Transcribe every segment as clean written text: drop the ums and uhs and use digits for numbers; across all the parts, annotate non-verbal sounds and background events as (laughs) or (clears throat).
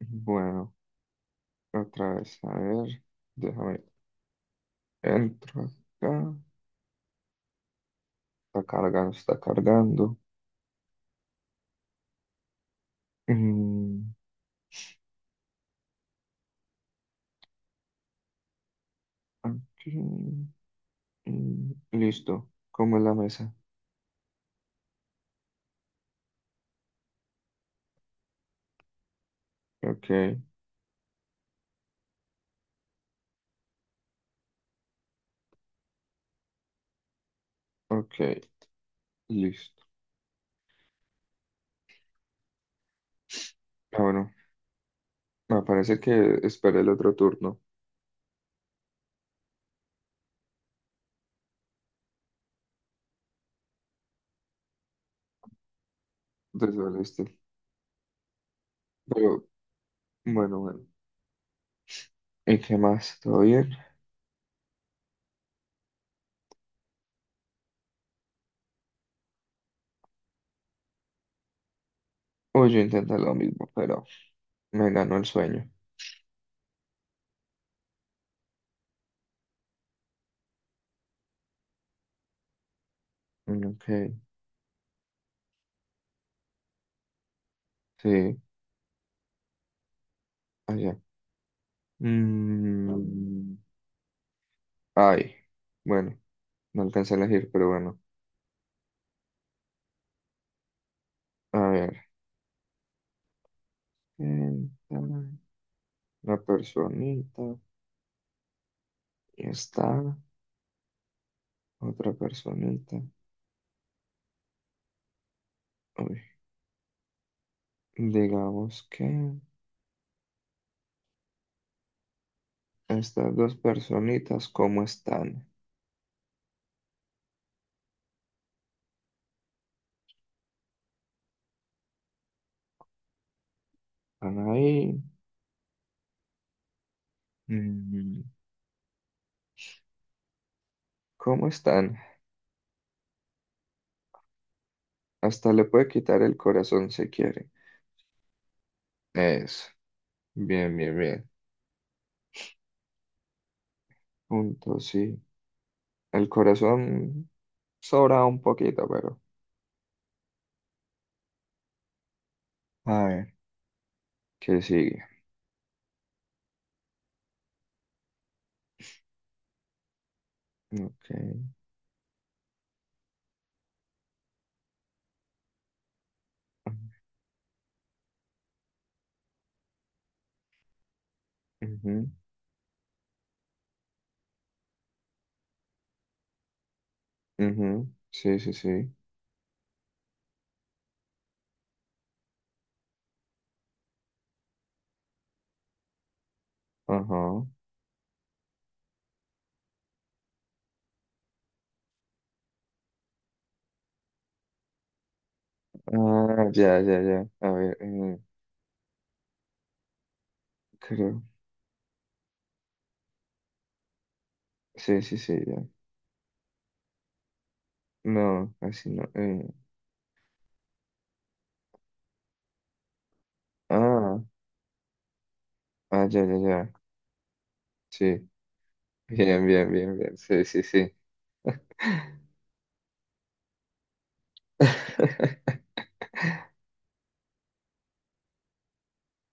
Bueno, otra vez, a ver, déjame, entro acá, está cargando, está cargando. Mm, aquí, listo, como es la mesa? Ok, ok, listo. Ah, bueno, me parece que esperé el otro turno desde el este, pero bueno. ¿Y qué más? ¿Todo bien? Uy, yo intenté lo mismo, pero me ganó el sueño. Mm, ok, sí, allá. Mm, ay, bueno. No alcancé a elegir, pero bueno. A ver. Esta, una personita. Y está otra personita. Uy, Digamos que estas dos personitas, ¿cómo están? ¿Están ahí? Mm, ¿Cómo están? Hasta le puede quitar el corazón si quiere. Eso. Bien, bien, bien. Punto, sí. El corazón sobra un poquito, pero. A ver. ¿Qué sigue? Ok. Ujú. Ujú, sí, sí, sí. Ajá. Ah, ya, ya, ya. A ver, creo. Sí, sí, sí, ya. No, así no. Ah, ah, ya, ya, ya. Sí. (laughs) Bien, bien, bien, bien. Sí, sí, sí. (laughs)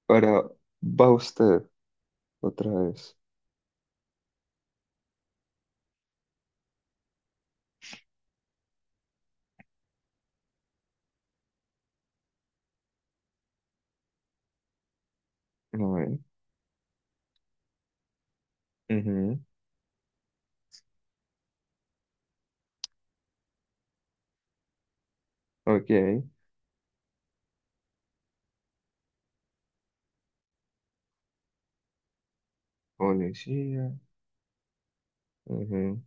Ahora va usted otra vez. No, Ujú, ok. Policía. Ujú,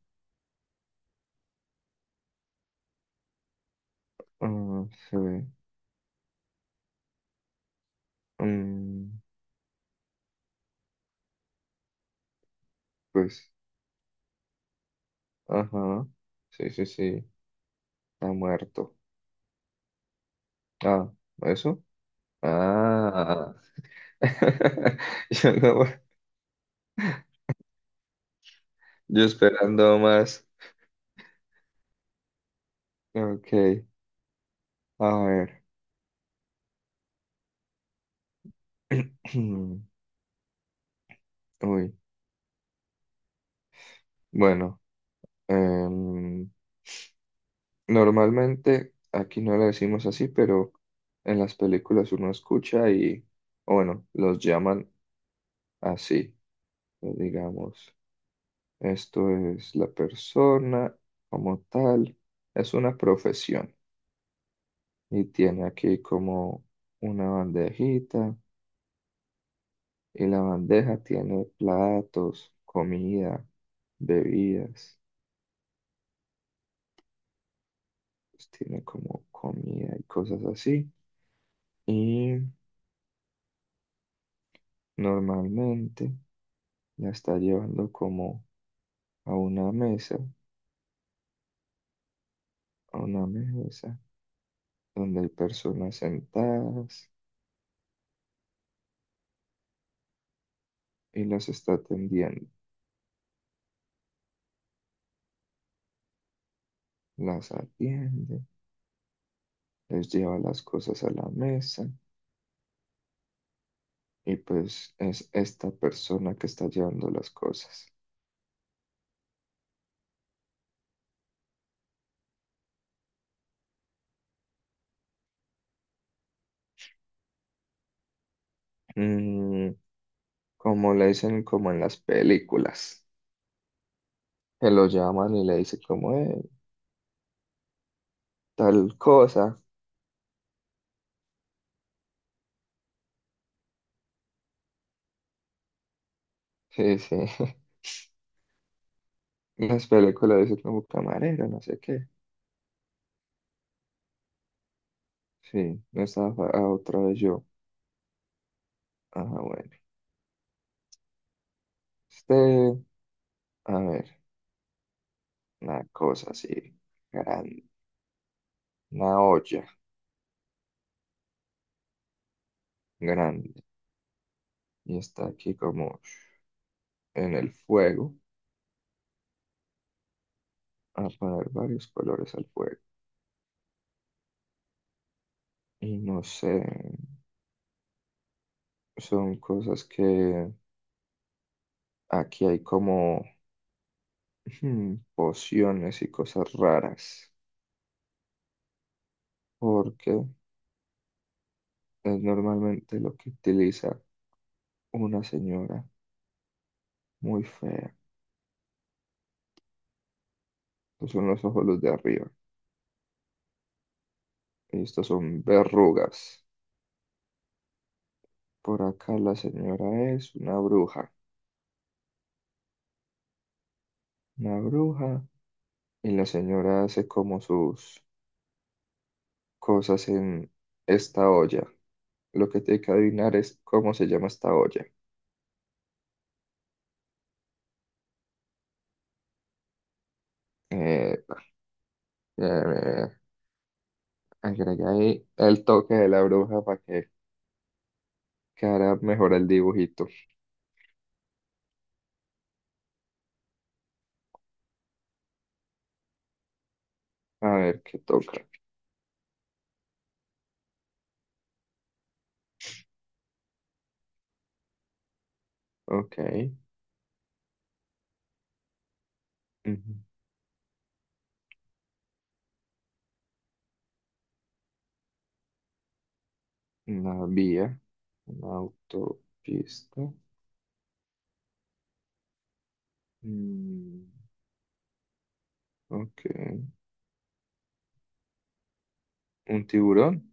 ah, sí. Mm, pues, ajá. Sí, sí, sí. Está muerto. Ah, ¿eso? Ah, (laughs) yo no, yo esperando más. Ok, a ver. (clears throat) Uy, bueno, em, normalmente aquí no le decimos así, pero en las películas uno escucha y, o bueno, los llaman así, pues digamos. Esto es la persona como tal, es una profesión y tiene aquí como una bandejita. Y la bandeja tiene platos, comida, bebidas, pues tiene como comida y cosas así. Y normalmente la está llevando como a una mesa, a una mesa donde hay personas sentadas y las está atendiendo. Las atiende, les lleva las cosas a la mesa y pues es esta persona que está llevando las cosas. Mm, como le dicen como en las películas, que lo llaman y le dicen como tal cosa", sí, sí, (laughs) en las películas dicen como camarero, no sé qué, sí, no estaba ah, otra vez yo, ajá, bueno, este, a ver, una cosa así, grande, una olla grande, y está aquí como en el fuego, a poner varios colores al fuego, y no sé, son cosas que aquí hay como pociones y cosas raras, porque es normalmente lo que utiliza una señora muy fea. Estos son los ojos los de arriba. Y estos son verrugas. Por acá la señora es una bruja. Una bruja. Y la señora hace como sus cosas en esta olla. Lo que tiene que adivinar es cómo se llama esta olla. Eh, eh, agrega ahí el toque de la bruja para que quedara mejor el dibujito. A ver qué toca. Ok. Ujú. Una vía. Una autopista. Mm, ok. ¿Un tiburón?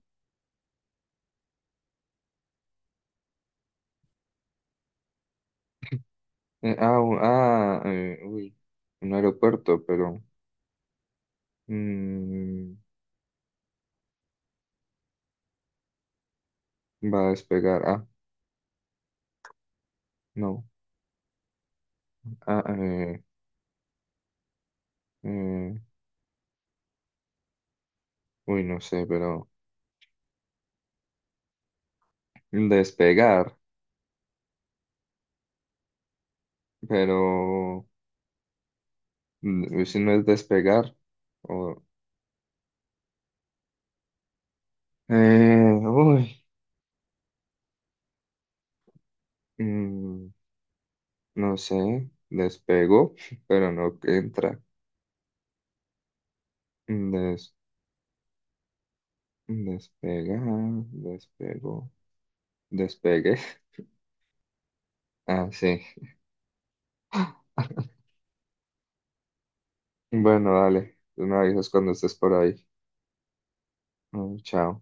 Ah, un- ah, uy. Un aeropuerto, pero mm, va a despegar. Ah, no. Ah, eh, eh, no sé, pero despegar. Pero si no es despegar. O, uy. mm, No sé, despego, (laughs) pero no entra. Des, despega, despego, despegue. (laughs) Ah, sí. (gasps) Bueno, dale. Tú me avisas cuando estés por ahí. Mm, chao.